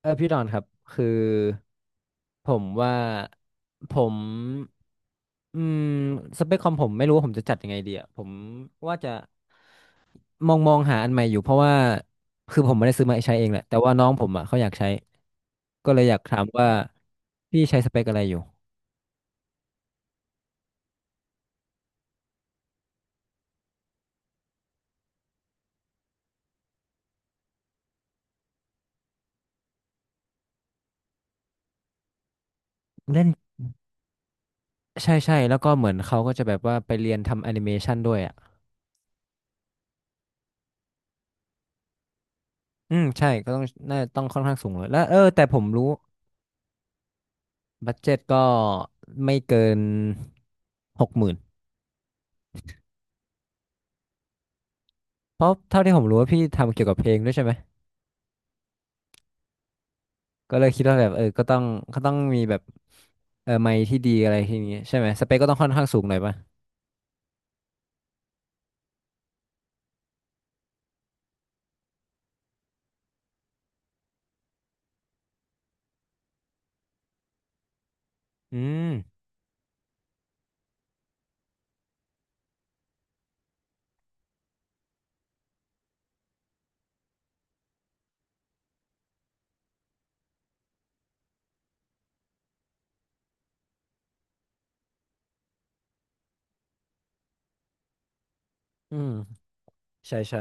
เออพี่ดอนครับคือผมว่าผมอืมสเปคคอมผมไม่รู้ว่าผมจะจัดยังไงดีอ่ะผมว่าจะมองหาอันใหม่อยู่เพราะว่าคือผมไม่ได้ซื้อมาใช้เองแหละแต่ว่าน้องผมอ่ะเขาอยากใช้ก็เลยอยากถามว่าพี่ใช้สเปคอะไรอยู่เล่นใช่ใช่แล้วก็เหมือนเขาก็จะแบบว่าไปเรียนทำแอนิเมชันด้วยอ่ะอืมใช่ก็ต้องน่าต้องค่อนข้างสูงเลยแล้วเออแต่ผมรู้บัดเจ็ตก็ไม่เกิน60,000 เพราะเท่าที่ผมรู้ว่าพี่ทำเกี่ยวกับเพลงด้วยใช่ไหมก็เลยคิดว่าแบบเออก็ต้องมีแบบเออไมค์ที่ดีอะไรทีนี้ใช่ไหมสเปคก็ต้องค่อนข้างสูงหน่อยป่ะอืมอืมใช่ใช่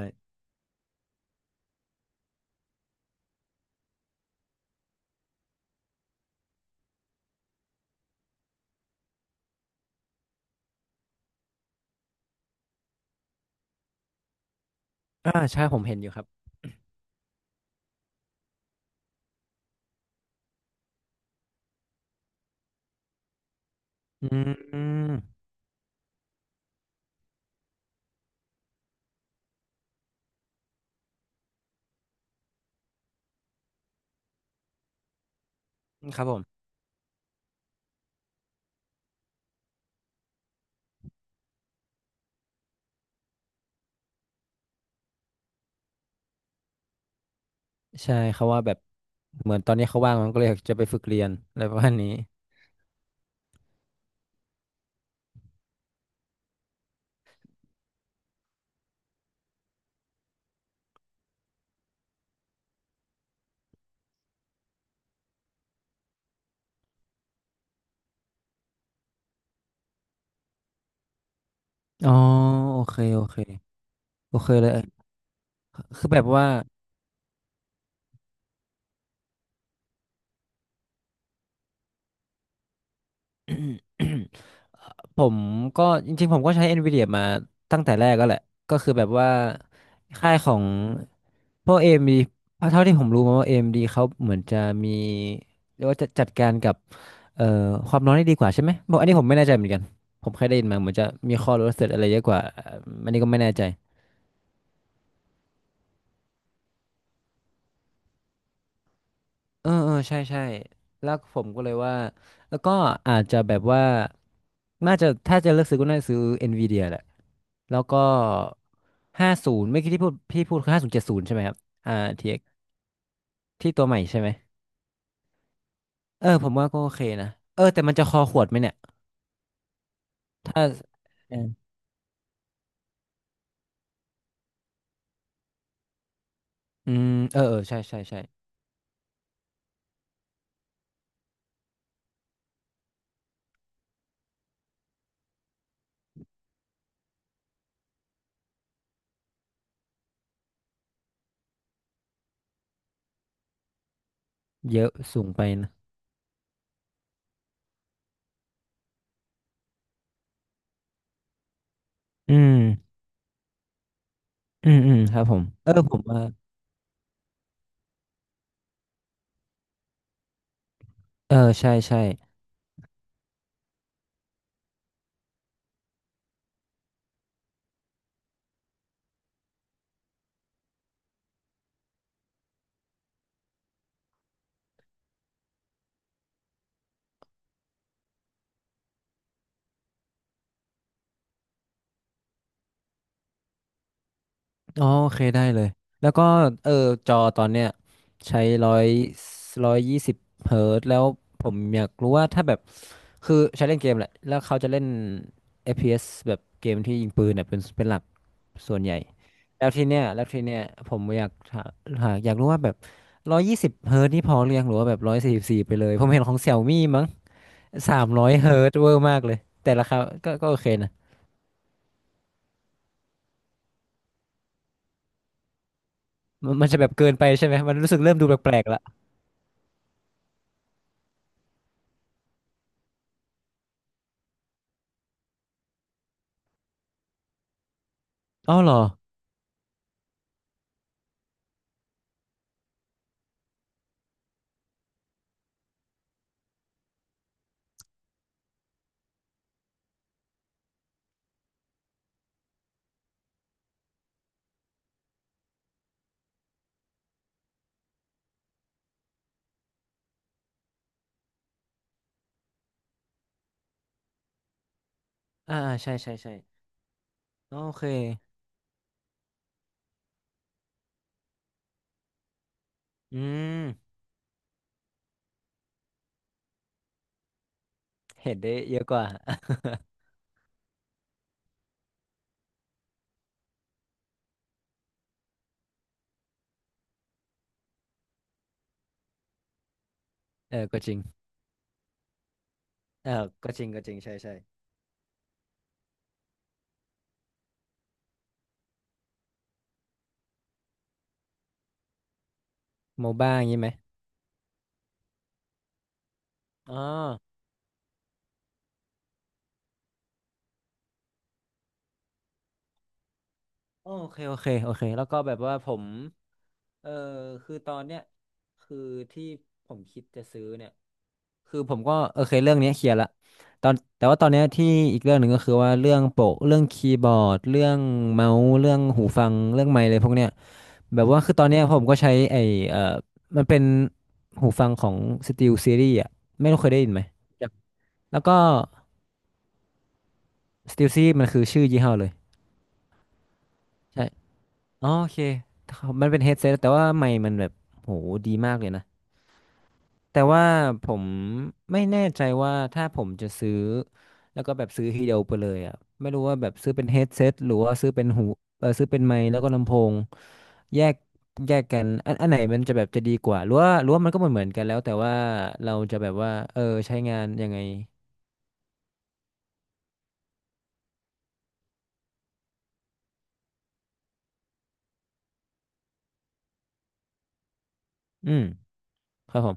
อ่าใช่ผมเห็นอยู่ครับอืมอืมครับผมใช่เขาว่าแบบเหมือนตอนนี้เขาว่างมันก็เลยอยากจะไปฝึกเรียนอะไรประมาณนี้อ๋อโอเคโอเคโอเคเลยเออคือแบบว่า ผมก็จริงๆผมก็ใช้ NVIDIA มาตั้งแต่แรกก็แหละก็คือแบบว่าค่ายของพวก AMD เอ็มดีเพราะเท่าที่ผมรู้มาว่า AMD เอ็มดีเขาเหมือนจะมีเรียกว่าจะจัดการกับเอ่อความร้อนได้ดีกว่าใช่ไหมบอกอันนี้ผมไม่แน่ใจเหมือนกันผมเคยได้ยินมาเหมือนจะมีข้อรู้สึกอะไรเยอะกว่าอมอันนี้ก็ไม่แน่ใจ เออเออใช่ใช่แล้วผมก็เลยว่าแล้วก็อาจจะแบบว่าน่าจะถ้าจะเลือกซื้อก็น่าจะซื้อ Nvidia แหละแล้วก็ห้าศูนย์ไม่อกี้ที่พี่พูดคือ5070ใช่ไหมครับอ่า RTX ทีเอ็กซ์ที่ตัวใหม่ใช่ไหมเออผมว่าก็โอเคนะเออแต่มันจะคอขวดไหมเนี่ยถ้าเอออืมเออเออใช่ใช่ใช่เยอะสูงไปนะอืมอืมอืมครับผมเออผมว่าเออใช่ใช่ อ๋อโอเคได้เลยแล้วก็เออจอตอนเนี้ยใช้ร้อยร้อยยี่สิบเฮิร์ตซ์แล้วผมอยากรู้ว่าถ้าแบบคือใช้เล่นเกมแหละแล้วเขาจะเล่น FPS แบบเกมที่ยิงปืนเนี่ยเป็นเป็นหลักส่วนใหญ่แล้วทีเนี้ยผมอยากถาหาอยากรู้ว่าแบบร้อยยี่สิบเฮิร์ตซ์นี่พอหรือยังหรือว่าแบบ144ไปเลยผมเห็นของเซี่ยมี่มั้ง300 Hzเวอร์มากเลยแต่ราคาก็ก็โอเคนะมันมันจะแบบเกินไปใช่ไหมมันรู้สึกเริ่มดูแปลกๆละอ๋อเหรอ อ่าใช่ใช่ใช่โอเคอืมเห็นได้เยอะกว่า เออก็จริงเออก็จริงก็จริงใช่ใช่โมบ้าอย่างนี้ไหมอ๋อโอเคโอเคโอเคแล้วก็แบบว่าผมเออคือตอนเนี้ยคือที่ผมคิดจะซื้อเนี่ย คือผมก็โอเคเรื่องเนี้ยเคลียร์ละตอนแต่ว่าตอนเนี้ยที่อีกเรื่องหนึ่งก็คือว่าเรื่องโปะเรื่องคีย์บอร์ดเรื่องเมาส์เรื่องหูฟังเรื่องไมค์เลยพวกเนี้ยแบบว่าคือตอนเนี้ยผมก็ใช้ไอ้เอ่อมันเป็นหูฟังของ SteelSeries อ่ะไม่รู้เคยได้ยินไหมครับแล้วก็ SteelSeries มันคือชื่อยี่ห้อเลยใช่อ๋อโอเคมันเป็นเฮดเซตแต่ว่าไมค์มันแบบโหดีมากเลยนะ แต่ว่าผมไม่แน่ใจว่าถ้าผมจะซื้อแล้วก็แบบซื้อทีเดียวไปเลยอ่ะไม่รู้ว่าแบบซื้อเป็นเฮดเซตหรือว่าซื้อเป็นหูเออซื้อเป็นไมค์แล้วก็ลำโพงแยกแยกกันอันอันไหนมันจะแบบจะดีกว่าหรือว่าหรือว่ามันก็เหมือนกันแล้วแต่ว่าเราจะแบบว่าเออใช้งานยังไงอืมครับผม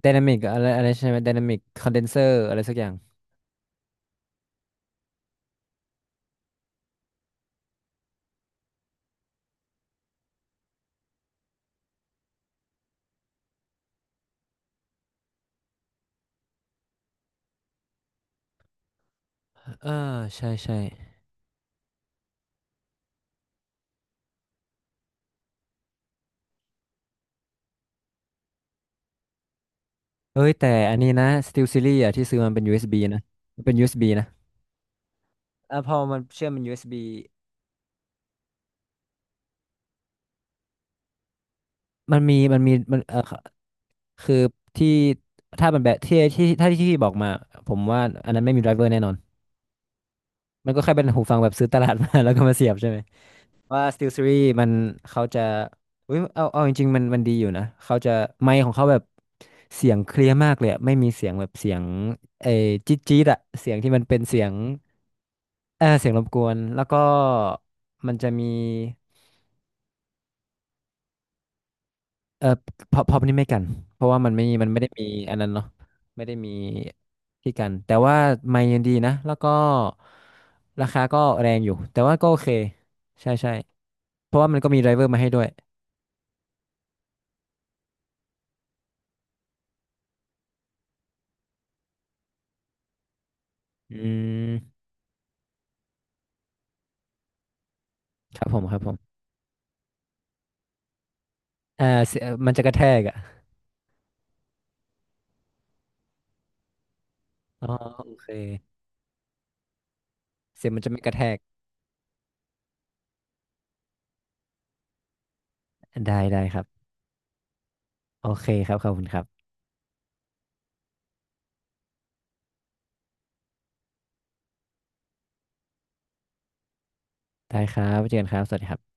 ไดนามิกอะไรอะไรใช่ไหมไดนามิกคอนเดนเซอร์อะไรสักอย่างเออใช่ใช่เอ้ยแต่อันนี้นะ Steel Series อ่ะที่ซื้อมันเป็น USB นะมันเป็นยูเอสบีนะอ่ะพอมันเชื่อมเป็นยูเอสบี มันมีมันคือที่ถ้ามันแบบที่ถ้าที่พี่บอกมาผมว่าอันนั้นไม่มีไดรเวอร์แน่นอนมันก็แค่เป็นหูฟังแบบซื้อตลาดมา แล้วก็มาเสียบใช่ไหมว่า SteelSeries มันเขาจะอุ้ยเอาจริงๆมันมันดีอยู่นะเขาจะไมค์ของเขาแบบเสียงเคลียร์มากเลยอะไม่มีเสียงแบบเสียงเออจี๊ดจี๊ดอะเสียงที่มันเป็นเสียงเออเสียงรบกวนแล้วก็มันจะมี เออพอพอนี่ไม่กันเพราะว่ามันไม่มันไม่ได้มีอันนั้นเนาะไม่ได้มีที่กันแต่ว่าไมค์ยังดีนะแล้วก็ราคาก็แรงอยู่แต่ว่าก็โอเคใช่ใช่เพราะว่ามันก็มีไดรเวอร์มาให้ด้วยอืมครับผมครับผมเออเสียมันจะกระแทกอ่ะอ๋อโอเคเสียงมันจะไม่กระแทกได้ได้ครับโอเคครับขอบคุณครับได้ครับไว้เจอกันครับสวัสดีครับ